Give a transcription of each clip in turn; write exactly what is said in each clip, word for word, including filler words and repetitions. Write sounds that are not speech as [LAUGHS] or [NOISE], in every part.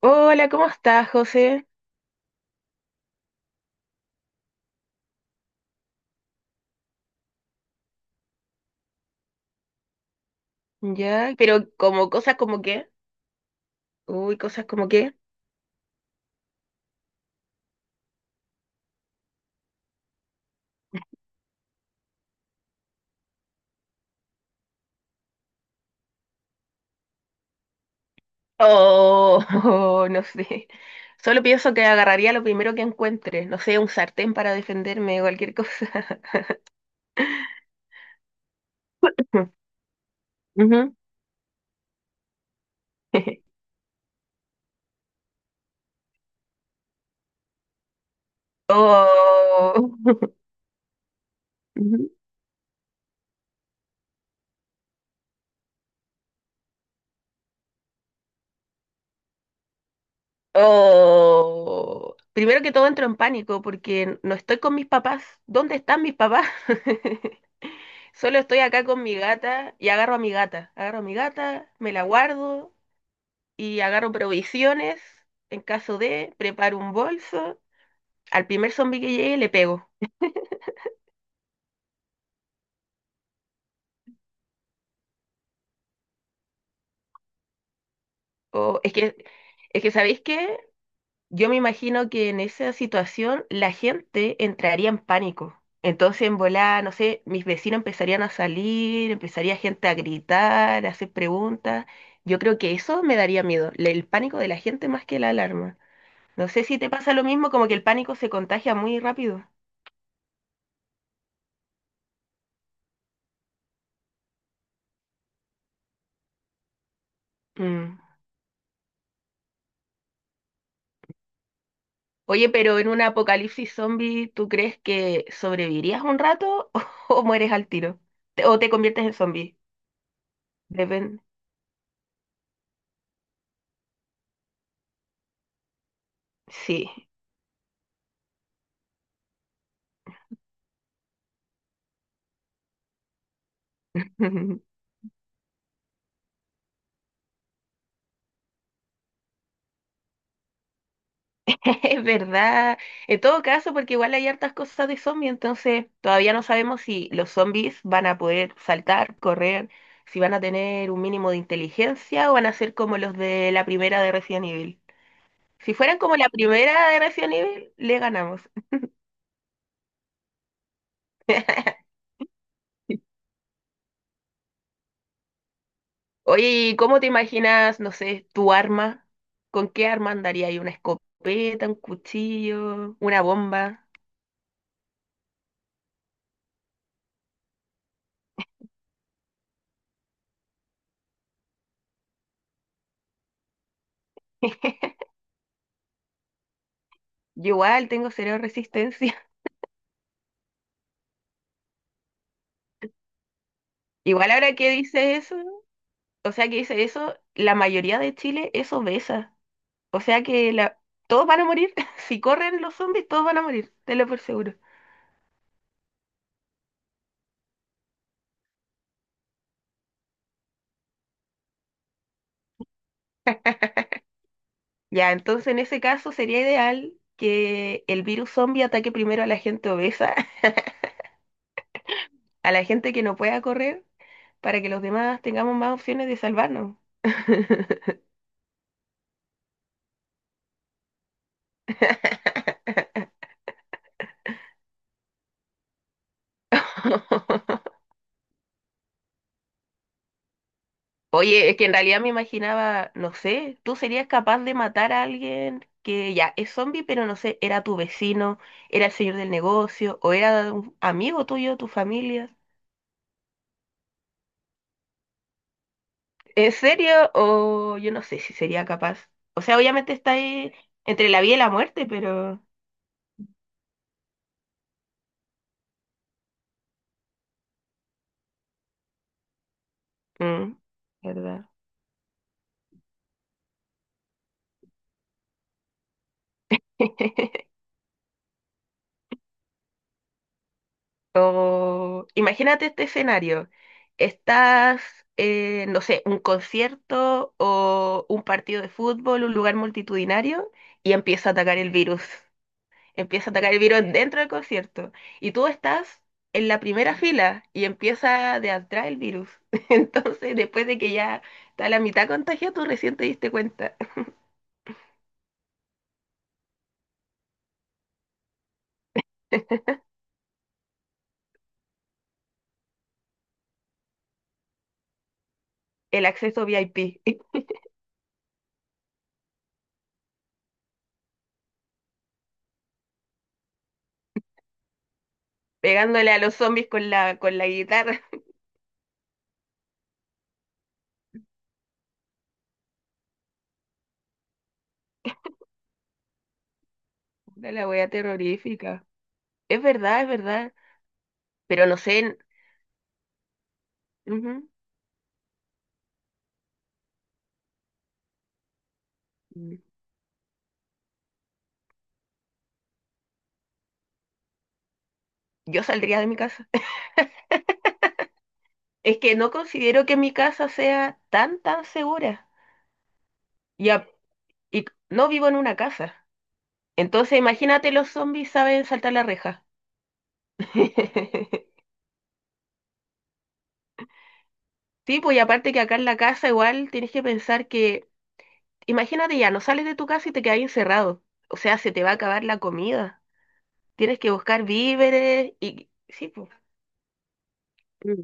Hola, ¿cómo estás, José? Ya, pero como cosas como qué, uy, cosas como qué, oh, [LAUGHS] no sé. Solo pienso que agarraría lo primero que encuentre, no sé, un sartén para defenderme o cualquier cosa. [LAUGHS] Ujú. [LAUGHS] Oh, [LAUGHS] Ujú. Oh. Primero que todo entro en pánico porque no estoy con mis papás. ¿Dónde están mis papás? [LAUGHS] Solo estoy acá con mi gata y agarro a mi gata. Agarro a mi gata, me la guardo y agarro provisiones. En caso de, preparo un bolso. Al primer zombie que llegue le pego. O, es que, es que, ¿sabéis qué? Yo me imagino que en esa situación la gente entraría en pánico. Entonces, en volar, no sé, mis vecinos empezarían a salir, empezaría gente a gritar, a hacer preguntas. Yo creo que eso me daría miedo, le- el pánico de la gente más que la alarma. No sé si te pasa lo mismo, como que el pánico se contagia muy rápido. Mm. Oye, pero en un apocalipsis zombie, ¿tú crees que sobrevivirías un rato [LAUGHS] o mueres al tiro? Te- ¿O te conviertes en zombie? Depende. Sí. [LAUGHS] Es verdad. En todo caso, porque igual hay hartas cosas de zombie, entonces todavía no sabemos si los zombies van a poder saltar, correr, si van a tener un mínimo de inteligencia o van a ser como los de la primera de Resident Evil. Si fueran como la primera de Resident Evil, le ganamos. [LAUGHS] Oye, ¿y cómo te imaginas, no sé, tu arma? ¿Con qué arma andaría ahí? ¿Una escopeta, un cuchillo, una bomba? [LAUGHS] Yo igual tengo cero resistencia. [LAUGHS] Igual ahora que dice eso, o sea que dice eso, la mayoría de Chile es obesa. O sea que la... todos van a morir. [LAUGHS] Si corren los zombies, todos van a morir, te lo por seguro. Ya, entonces en ese caso sería ideal que el virus zombie ataque primero a la gente obesa, [LAUGHS] a la gente que no pueda correr para que los demás tengamos más opciones de salvarnos. [LAUGHS] Oye, es que en realidad me imaginaba, no sé, tú serías capaz de matar a alguien que ya es zombie, pero no sé, era tu vecino, era el señor del negocio, o era un amigo tuyo, tu familia. ¿En serio? O yo no sé si sería capaz. O sea, obviamente está ahí entre la vida y la muerte, pero... Mm, ¿verdad? [LAUGHS] O imagínate este escenario. Estás, eh, no sé, un concierto o un partido de fútbol, un lugar multitudinario, y empieza a atacar el virus. Empieza a atacar el virus dentro del concierto. Y tú estás en la primera fila y empieza de atrás el virus. [LAUGHS] Entonces, después de que ya está la mitad contagiada, tú recién te diste cuenta. [LAUGHS] El acceso V I P, [LAUGHS] pegándole a los zombies con la, con la guitarra. [LAUGHS] Puta, la wea terrorífica. Es verdad, es verdad. Pero no sé, ujú, mm, yo saldría de mi casa. Es que no considero que mi casa sea tan, tan segura. Y, a- y no vivo en una casa. Entonces imagínate los zombies saben saltar la reja. [LAUGHS] Sí, pues y aparte que acá en la casa igual tienes que pensar que, imagínate ya, no sales de tu casa y te quedas encerrado. O sea, se te va a acabar la comida. Tienes que buscar víveres y... Sí, pues. Mm.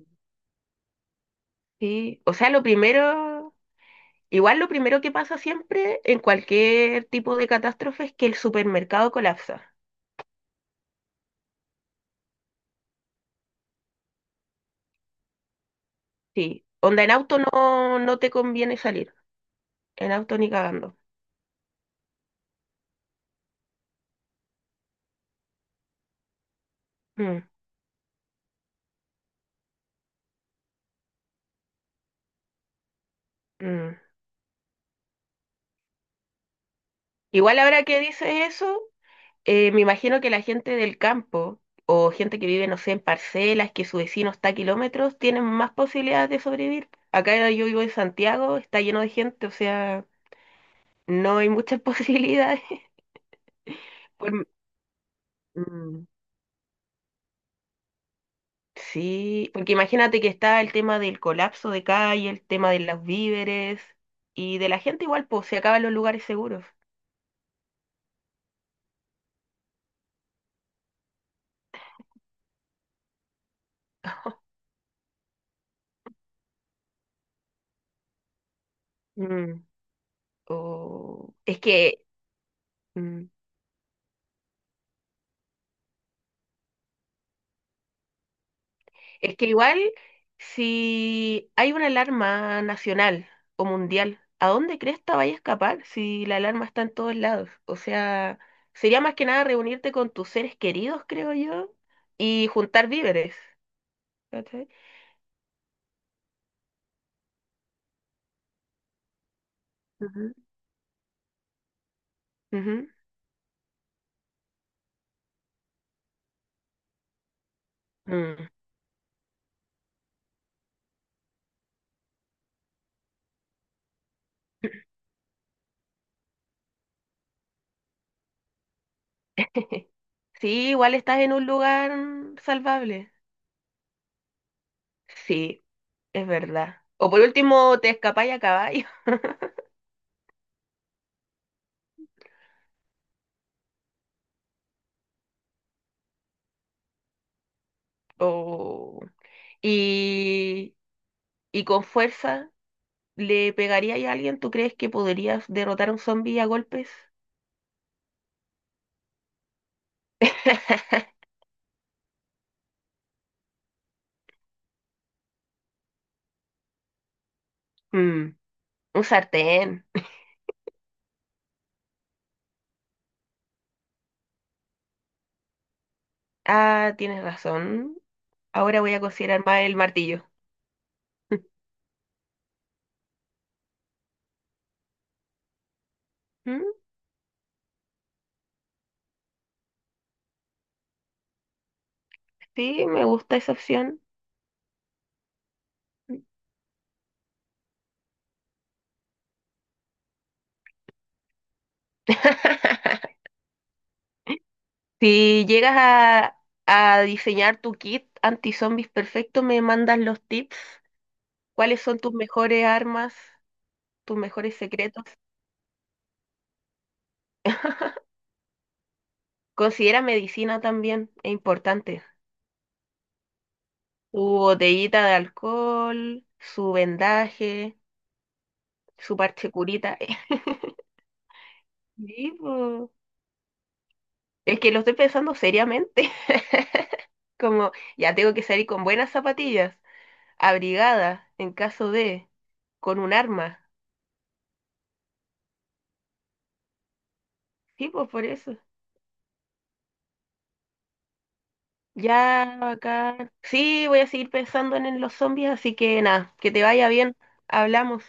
Sí. O sea, lo primero... Igual lo primero que pasa siempre en cualquier tipo de catástrofe es que el supermercado colapsa. Sí. Onda, en auto no, no te conviene salir. En auto ni cagando. Mm, mm. Igual ahora que dices eso, eh, me imagino que la gente del campo o gente que vive, no sé, en parcelas, que su vecino está a kilómetros, tienen más posibilidades de sobrevivir. Acá yo vivo en Santiago, está lleno de gente, o sea, no hay muchas [LAUGHS] posibilidades. Por- mm. Sí, porque imagínate que está el tema del colapso de calle, el tema de los víveres y de la gente igual, pues se acaban los lugares seguros. Mm. O- Es que, mm, es que igual si hay una alarma nacional o mundial, ¿a dónde cresta vaya a escapar si la alarma está en todos lados? O sea, sería más que nada reunirte con tus seres queridos, creo yo, y juntar víveres. ¿Cachai? Ujú, ujú. Mm. [LAUGHS] Sí, igual estás en un lugar salvable. Sí, es verdad. O por último, te escapáis a caballo. [LAUGHS] O... Y, y con fuerza, ¿le pegarías a alguien? ¿Tú crees que podrías derrotar a un zombie a golpes? [LAUGHS] Mm, un sartén. Ah, tienes razón. Ahora voy a considerar más el martillo. [LAUGHS] Mm, sí, me gusta esa opción. [LAUGHS] Si llegas a, a diseñar tu kit anti-zombies perfecto, me mandas los tips. ¿Cuáles son tus mejores armas, tus mejores secretos? Considera medicina también, es importante. Su botellita de alcohol, su vendaje, su parche curita. [LAUGHS] Sí, po. Es que lo estoy pensando seriamente. [LAUGHS] Como ya tengo que salir con buenas zapatillas, abrigada en caso de, con un arma. Sí, pues por eso. Ya, acá. Sí, voy a seguir pensando en en los zombies, así que nada, que te vaya bien. Hablamos.